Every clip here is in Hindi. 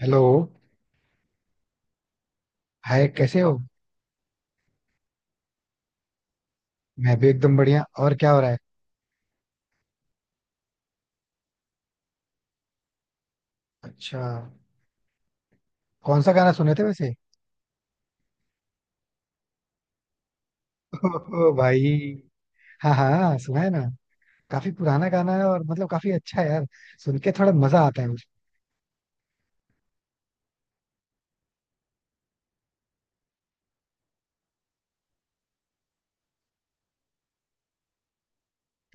हेलो. हाय, कैसे हो? मैं भी एकदम बढ़िया. और क्या हो रहा है? अच्छा. कौन सा गाना सुने थे वैसे? ओहो भाई. हाँ हाँ, सुना है ना. काफी पुराना गाना है और मतलब काफी अच्छा है यार. सुन के थोड़ा मजा आता है मुझे.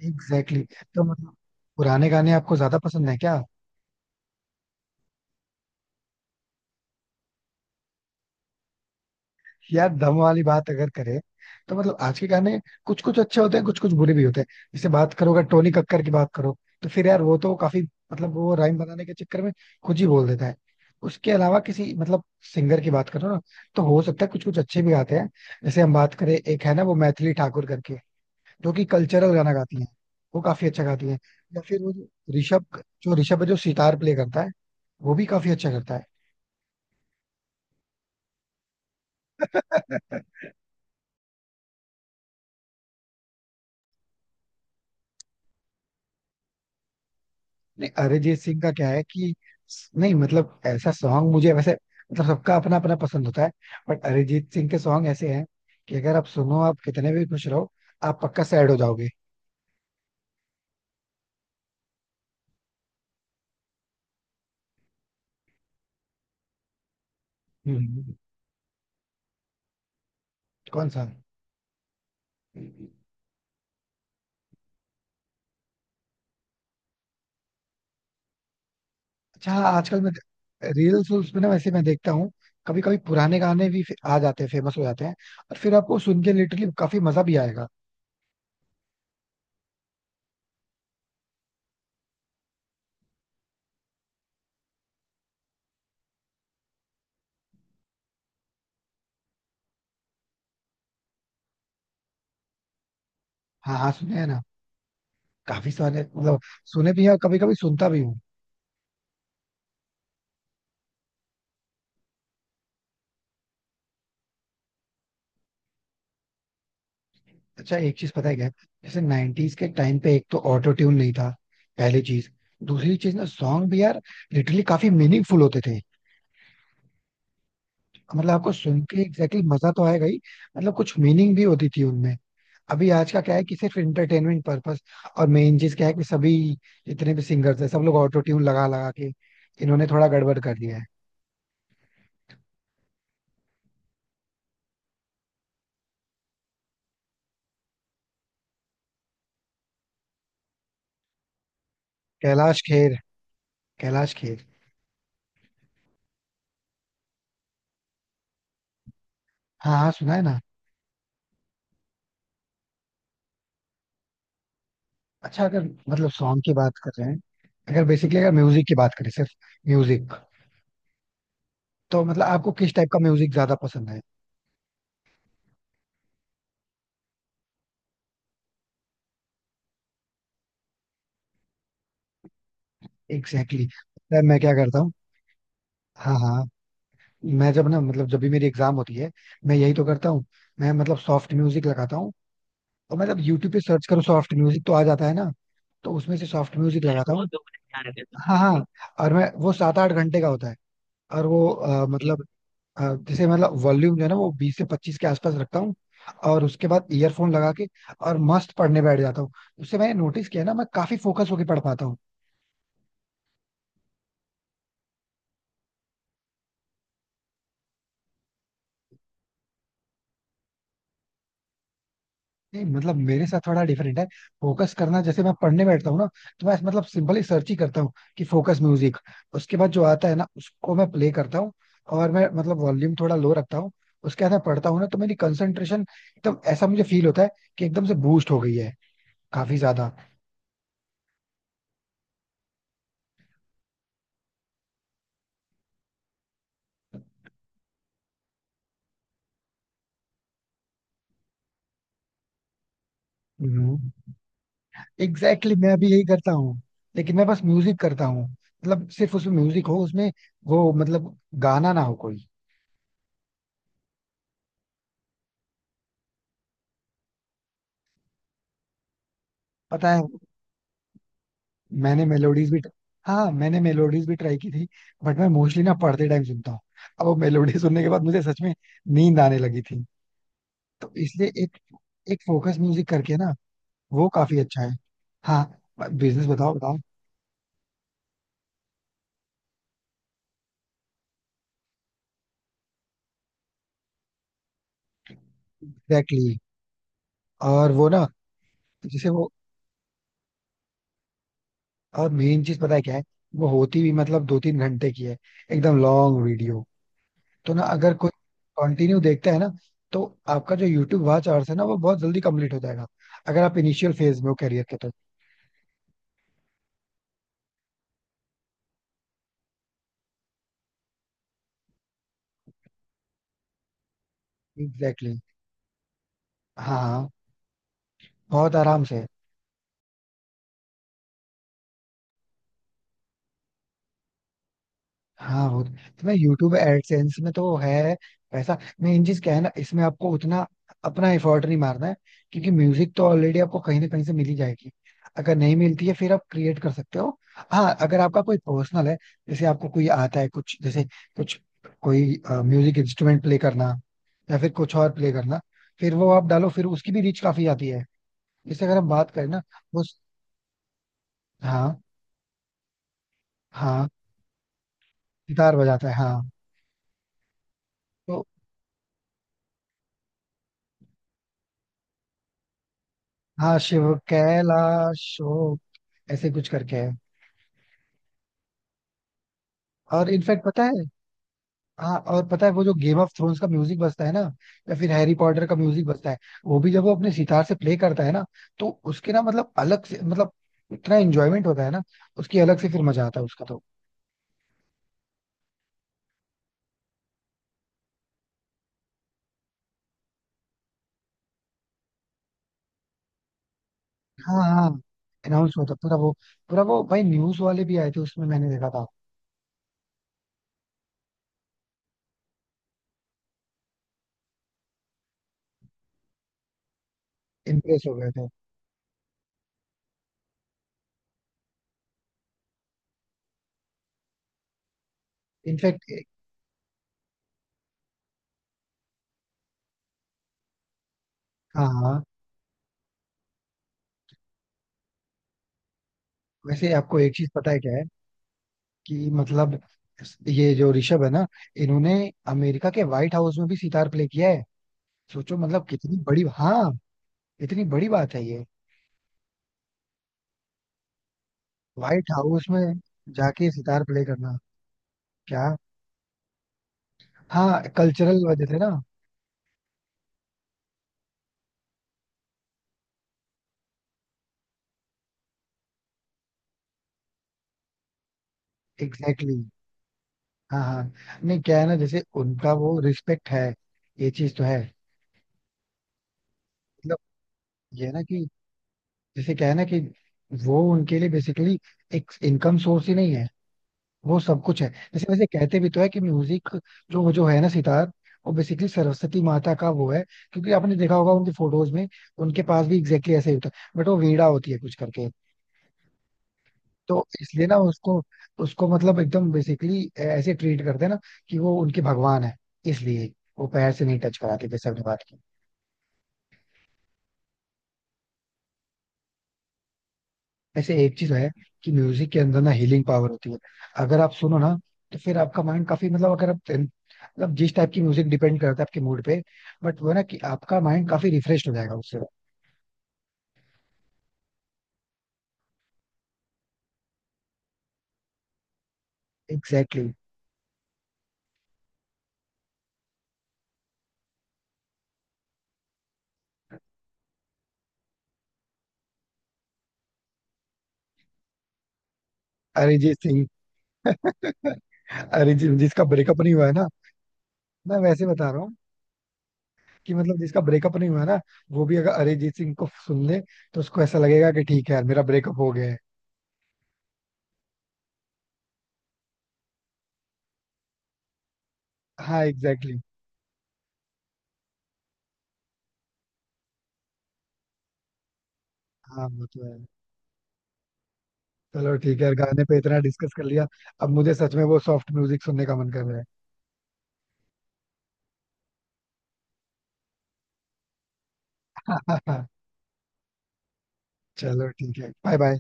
Exactly exactly. तो मतलब पुराने गाने आपको ज्यादा पसंद है क्या? यार, दम वाली बात अगर करें तो मतलब आज के गाने कुछ कुछ अच्छे होते हैं, कुछ कुछ बुरे भी होते हैं. जैसे बात करो, अगर टोनी कक्कर की बात करो तो फिर यार वो तो काफी मतलब वो राइम बनाने के चक्कर में खुद ही बोल देता है. उसके अलावा किसी मतलब सिंगर की बात करो ना, तो हो सकता है कुछ कुछ अच्छे भी गाते हैं. जैसे हम बात करें, एक है ना वो मैथिली ठाकुर करके, जो कि कल्चरल गाना गाती है. वो काफी अच्छा गाती है. या फिर वो जो ऋषभ, जो ऋषभ है जो सितार प्ले करता है, वो भी काफी अच्छा करता है. नहीं, अरिजीत सिंह का क्या है कि नहीं मतलब ऐसा सॉन्ग मुझे वैसे मतलब सबका अपना अपना पसंद होता है. बट अरिजीत सिंह के सॉन्ग ऐसे हैं कि अगर आप सुनो, आप कितने भी खुश रहो, आप पक्का सैड हो जाओगे. हम्म. कौन सा? अच्छा. हाँ, आजकल मैं रील्स वील्स में ना वैसे मैं देखता हूँ. कभी कभी पुराने गाने भी आ जाते हैं, फेमस हो जाते हैं. और फिर आपको सुन के लिटरली काफी मजा भी आएगा. हाँ हाँ, सुने हैं ना. काफी सारे मतलब सुने भी हैं और कभी कभी सुनता भी हूँ. अच्छा, एक चीज पता है क्या है? जैसे 90s के टाइम पे एक तो ऑटो ट्यून नहीं था, पहली चीज. दूसरी चीज ना, सॉन्ग भी यार लिटरली काफी मीनिंगफुल होते थे. मतलब आपको सुन के एग्जैक्टली exactly मजा तो आएगा ही. मतलब कुछ मीनिंग भी होती थी उनमें. अभी आज का क्या है कि सिर्फ एंटरटेनमेंट पर्पस. और मेन चीज क्या है कि सभी जितने भी सिंगर्स हैं, सब लोग ऑटो ट्यून लगा लगा के इन्होंने थोड़ा गड़बड़ कर दिया है. कैलाश खेर. कैलाश खेर. हाँ हाँ, सुना है ना. अच्छा, अगर मतलब सॉन्ग की बात कर रहे हैं, अगर बेसिकली अगर म्यूजिक की बात करें, सिर्फ म्यूजिक, तो मतलब आपको किस टाइप का म्यूजिक ज्यादा पसंद है? Exactly exactly. मैं क्या करता हूँ, हाँ हाँ, मैं जब ना मतलब जब भी मेरी एग्जाम होती है, मैं यही तो करता हूँ. मैं मतलब सॉफ्ट म्यूजिक लगाता हूँ. और मतलब यूट्यूब पे सर्च करो सॉफ्ट म्यूजिक तो आ जाता है ना. तो उसमें से सॉफ्ट म्यूजिक लगाता हूँ. हाँ हाँ. और मैं वो 7 8 घंटे का होता है. और वो मतलब अ, जैसे मतलब वॉल्यूम जो है ना वो 20 से 25 के आसपास रखता हूँ. और उसके बाद ईयरफोन लगा के और मस्त पढ़ने बैठ जाता हूँ. उससे मैंने नोटिस किया ना, मैं काफी फोकस होके पढ़ पाता हूँ. नहीं मतलब मेरे साथ थोड़ा डिफरेंट है. फोकस करना जैसे मैं पढ़ने बैठता हूँ ना, तो मैं मतलब सिंपली सर्च ही करता हूँ कि फोकस म्यूजिक. उसके बाद जो आता है ना, उसको मैं प्ले करता हूँ. और मैं मतलब वॉल्यूम थोड़ा लो रखता हूँ. उसके बाद मैं पढ़ता हूँ ना, तो मेरी कंसंट्रेशन एकदम ऐसा मुझे फील होता है कि एकदम से बूस्ट हो गई है, काफी ज्यादा. एग्जैक्टली exactly, मैं भी यही करता हूँ. लेकिन मैं बस म्यूजिक करता हूँ, मतलब सिर्फ उसमें म्यूजिक हो उसमें, वो मतलब गाना ना हो कोई. पता है, मैंने मेलोडीज भी, हाँ मैंने मेलोडीज भी ट्राई की थी. बट मैं मोस्टली ना पढ़ते टाइम सुनता हूँ. अब वो मेलोडी सुनने के बाद मुझे सच में नींद आने लगी थी. तो इसलिए एक एक फोकस म्यूजिक करके ना, वो काफी अच्छा है. हाँ, बिजनेस बताओ बताओ. Exactly exactly. और वो ना, जैसे वो, और मेन चीज पता है क्या है, वो होती भी मतलब 2 3 घंटे की है, एकदम लॉन्ग वीडियो. तो ना अगर कोई कंटिन्यू देखता है ना, तो आपका जो यूट्यूब वॉच आवर्स है ना, वो बहुत जल्दी कंप्लीट हो जाएगा, अगर आप इनिशियल फेज में हो करियर के तो. एग्जैक्टली. हाँ. बहुत आराम से. हाँ बहुत. इसमें यूट्यूब एडसेंस में तो है पैसा. मेन चीज क्या है ना, इसमें आपको उतना अपना एफर्ट नहीं मारना है. क्योंकि म्यूजिक तो ऑलरेडी आपको कहीं ना कहीं से मिल ही जाएगी. अगर नहीं मिलती है, फिर आप क्रिएट कर सकते हो. हाँ अगर आपका कोई प्रोफेशनल है, जैसे आपको कोई आता है कुछ, जैसे कुछ, कोई म्यूजिक इंस्ट्रूमेंट प्ले करना, या फिर कुछ और प्ले करना, फिर वो आप डालो, फिर उसकी भी रीच काफी आती है. जैसे अगर हम बात करें ना, वो, हाँ हाँ सितार बजाता है, हाँ. तो हाँ शिव, कैलाश हो, ऐसे कुछ करके है. और इनफैक्ट पता है, हाँ और पता है वो जो गेम ऑफ थ्रोन्स का म्यूजिक बजता है ना, या फिर हैरी पॉटर का म्यूजिक बजता है, वो भी जब वो अपने सितार से प्ले करता है ना, तो उसके ना मतलब अलग से मतलब इतना एंजॉयमेंट होता है ना, उसकी अलग से फिर मजा आता है उसका तो. हाँ हाँ. अनाउंस होता पूरा वो. पूरा वो भाई, न्यूज वाले भी आए थे, उसमें मैंने देखा था. इम्प्रेस हो गए थे. इनफैक्ट. हाँ हाँ. वैसे आपको एक चीज पता है क्या है, कि मतलब ये जो ऋषभ है ना, इन्होंने अमेरिका के व्हाइट हाउस में भी सितार प्ले किया है. सोचो मतलब कितनी बड़ी, हाँ, इतनी बड़ी बात है ये. व्हाइट हाउस में जाके सितार प्ले करना. क्या? हाँ कल्चरल वजह से ना. Exactly exactly. हाँ हाँ, नहीं, क्या है ना, जैसे उनका वो रिस्पेक्ट है, ये चीज तो है. मतलब ये है ना कि जैसे क्या है ना कि वो उनके लिए बेसिकली एक इनकम सोर्स ही नहीं है, वो सब कुछ है. जैसे वैसे कहते भी तो है कि म्यूजिक जो जो है ना, सितार, वो बेसिकली सरस्वती माता का वो है. क्योंकि आपने देखा होगा उनकी फोटोज में उनके पास भी एग्जैक्टली ऐसे ही होता है, बट वो वीणा होती है कुछ करके. तो इसलिए ना उसको, उसको मतलब एकदम बेसिकली ऐसे ट्रीट करते हैं ना कि वो उनके भगवान है. इसलिए वो पैर से नहीं टच कराते, जैसे आपने बात की. वैसे एक चीज है कि म्यूजिक के अंदर ना हीलिंग पावर होती है. अगर आप सुनो ना, तो फिर आपका माइंड काफी मतलब, अगर आप मतलब जिस टाइप की म्यूजिक, डिपेंड करता है आपके मूड पे, बट वो ना कि आपका माइंड काफी रिफ्रेश हो जाएगा उससे. Exactly exactly. अरिजीत सिंह. अरिजीत जिसका ब्रेकअप नहीं हुआ है ना, मैं वैसे बता रहा हूँ कि मतलब जिसका ब्रेकअप नहीं हुआ है ना, वो भी अगर अरिजीत सिंह को सुन ले, तो उसको ऐसा लगेगा कि ठीक है यार मेरा ब्रेकअप हो गया है. हाँ एग्जैक्टली exactly. हाँ वो तो है. चलो ठीक है यार, गाने पे इतना डिस्कस कर लिया. अब मुझे सच में वो सॉफ्ट म्यूजिक सुनने का मन कर रहा है. चलो ठीक है, बाय बाय.